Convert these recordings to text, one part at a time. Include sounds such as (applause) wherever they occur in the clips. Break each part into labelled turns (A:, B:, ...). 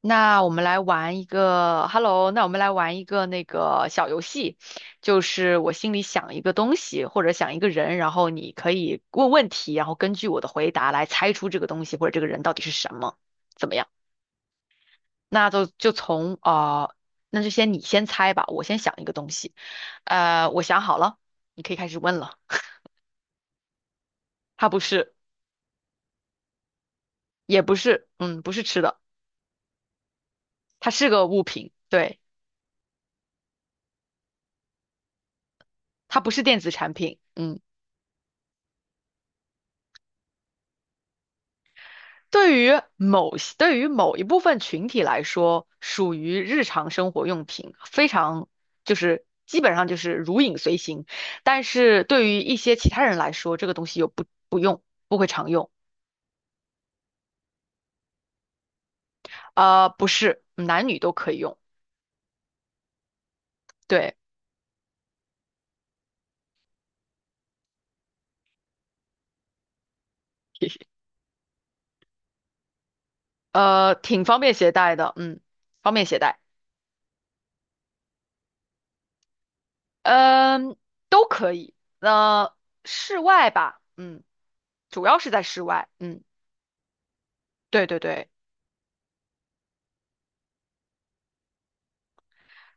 A: 那我们来玩一个，Hello，那我们来玩一个小游戏，就是我心里想一个东西或者想一个人，然后你可以问问题，然后根据我的回答来猜出这个东西或者这个人到底是什么，怎么样？那就就从啊，那就你先猜吧，我先想一个东西，我想好了，你可以开始问了。它不是，也不是，嗯，不是吃的，它是个物品，对，它不是电子产品，嗯。对于某些对于某一部分群体来说，属于日常生活用品，非常就是基本上就是如影随形。但是对于一些其他人来说，这个东西又不用，不会常用。不是，男女都可以用。对，挺方便携带的，嗯，方便携带，嗯，都可以。呃，室外吧，嗯，主要是在室外，嗯，对对对，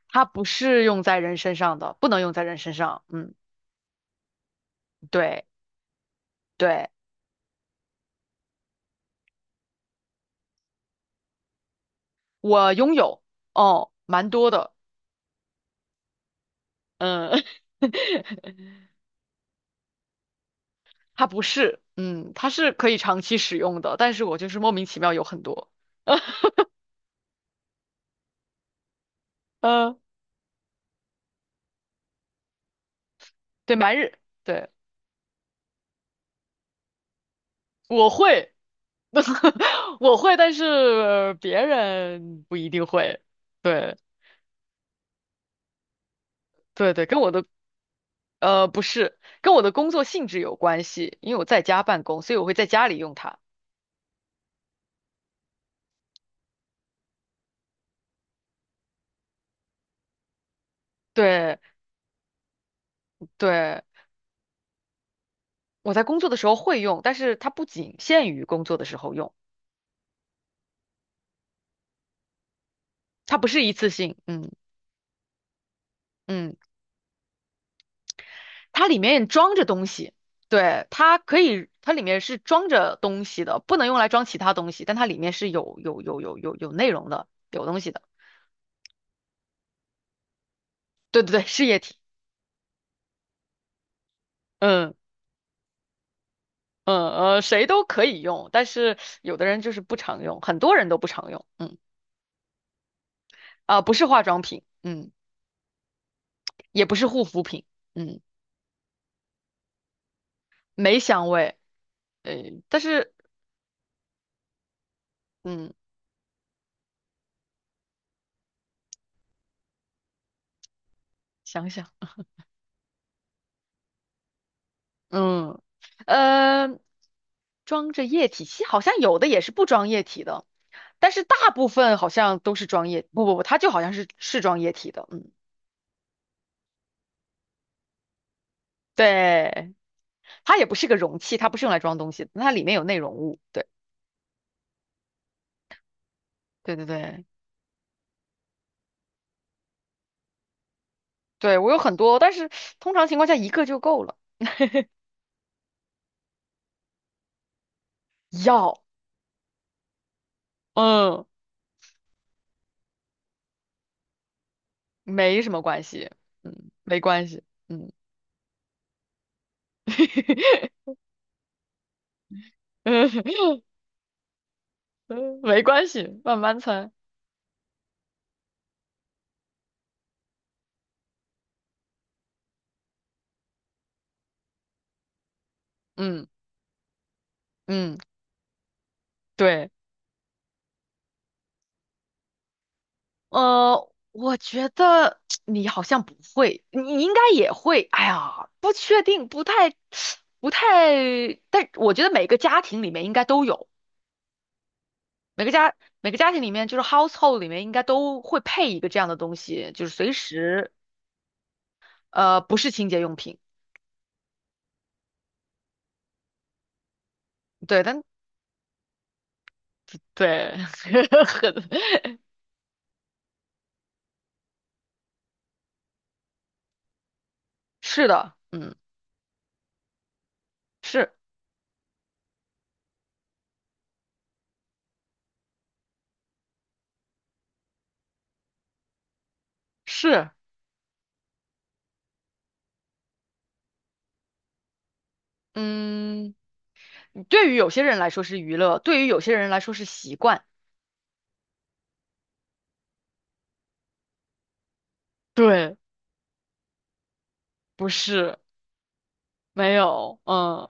A: 它不是用在人身上的，不能用在人身上，嗯。对对，我拥有哦，蛮多的，嗯，(laughs) 它不是，嗯，它是可以长期使用的，但是我就是莫名其妙有很多，(laughs) 呃，对，蛮日，对，我会，(laughs) 我会，但是别人不一定会，对对对，跟我的呃不是，跟我的工作性质有关系，因为我在家办公，所以我会在家里用它。对对，我在工作的时候会用，但是它不仅限于工作的时候用。它不是一次性，嗯嗯，它里面装着东西，对，它可以，它里面是装着东西的，不能用来装其他东西，但它里面是有内容的，有东西的，对对对，是液体，嗯嗯谁都可以用，但是有的人就是不常用，很多人都不常用，嗯啊、不是化妆品，嗯，也不是护肤品，嗯，没香味，呃，但是嗯，想想。嗯，呃，装着液体，其实好像有的也是不装液体的，但是大部分好像都是装液，不不不，它就好像是装液体的，嗯，对，它也不是个容器，它不是用来装东西的，它里面有内容物，对对对对，对我有很多，但是通常情况下一个就够了，要，嗯，没什么关系，嗯，没关系，嗯，(laughs) 嗯，没关系，慢慢猜，嗯嗯，对。我觉得 (tsk) 你好像不会，你应该也会。哎呀，不确定，不太。但我觉得每个家庭里面应该都有，每个家每个家庭里面就是 household 里面应该都会配一个这样的东西，就是随时，不是清洁用品。对，但对，(laughs) 很，是的，嗯，是是，嗯，对于有些人来说是娱乐，对于有些人来说是习惯，对，不是。没有，嗯，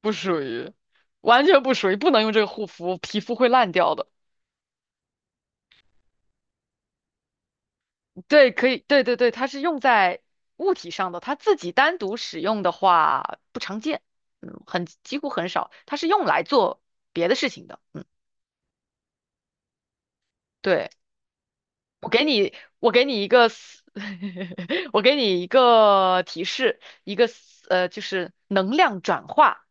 A: 不属于，完全不属于，不能用这个护肤，皮肤会烂掉的。对，可以，对对对，它是用在物体上的，它自己单独使用的话不常见，嗯，很，几乎很少，它是用来做别的事情的，嗯，对，我给你一个思 (laughs) 我给你一个提示，一个思呃，就是能量转化，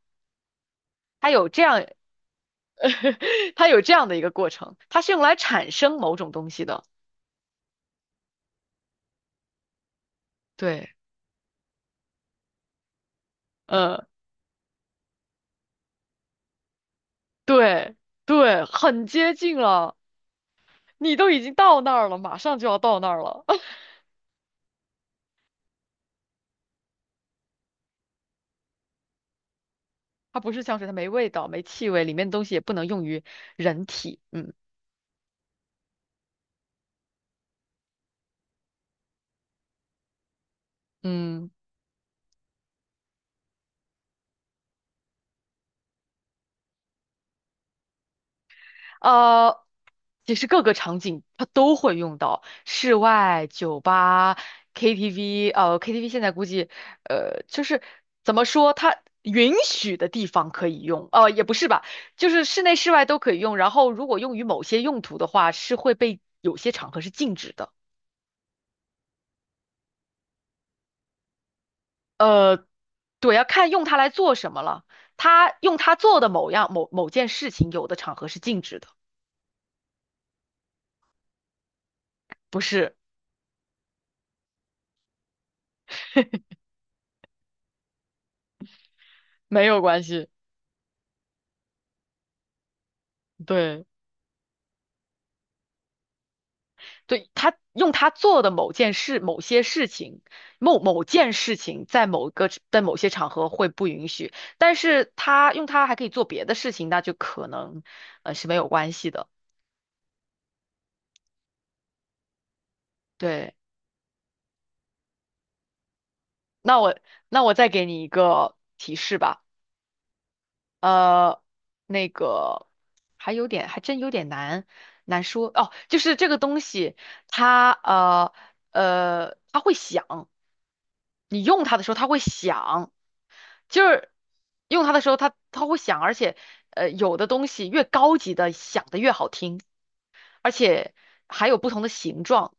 A: 它有这样，(laughs) 它有这样的一个过程，它是用来产生某种东西的，对。呃，对对，很接近了，你都已经到那儿了，马上就要到那儿了。(laughs) 它不是香水，它没味道，没气味，里面的东西也不能用于人体。嗯嗯。呃，其实各个场景它都会用到，室外、酒吧、KTV，KTV 现在估计，就是怎么说，它允许的地方可以用，也不是吧，就是室内、室外都可以用。然后如果用于某些用途的话，是会被有些场合是禁止的。对，要看用它来做什么了。它用它做的某样某某件事情，有的场合是禁止的，不是，(laughs) 没有关系，对。对，他用他做的某件事情，在某些场合会不允许，但是他用他还可以做别的事情，那就可能是没有关系的。对，那我那我再给你一个提示吧，呃，那个还有点还真有点难说哦，就是这个东西它它会响，你用它的时候它会响。就是用它的时候，它会响，而且有的东西越高级的响的越好听，而且还有不同的形状，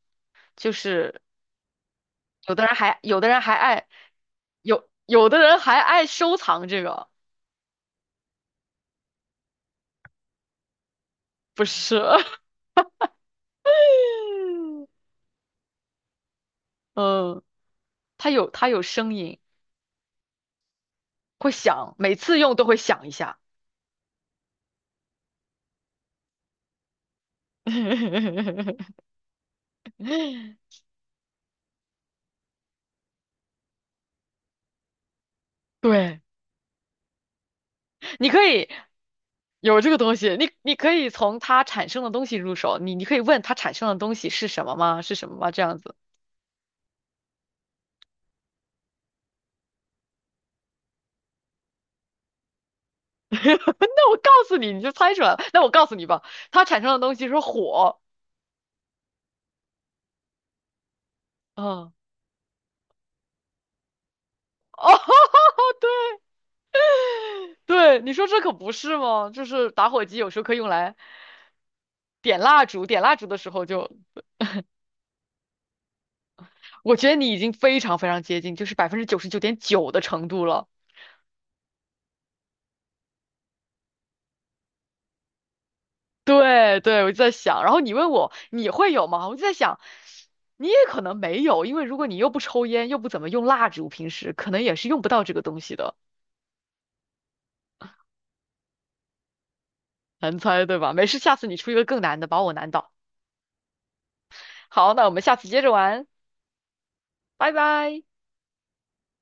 A: 就是有的人还有的人还爱有的人还爱收藏这个，不是，(laughs) 嗯，它有声音，会响，每次用都会响一下，(laughs) 对。你可以有这个东西，你可以从它产生的东西入手，你可以问它产生的东西是什么吗？是什么吗？这样子，(laughs) 那我告诉你，你就猜出来了。那我告诉你吧，它产生的东西是火。嗯，(laughs) 对，你说这可不是吗？就是打火机有时候可以用来点蜡烛，点蜡烛的时候就，我觉得你已经非常非常接近，就是99.9%的程度了。对对，我就在想，然后你问我你会有吗？我就在想，你也可能没有，因为如果你又不抽烟，又不怎么用蜡烛，平时可能也是用不到这个东西的。难猜，对吧？没事，下次你出一个更难的，把我难倒。好，那我们下次接着玩，拜拜。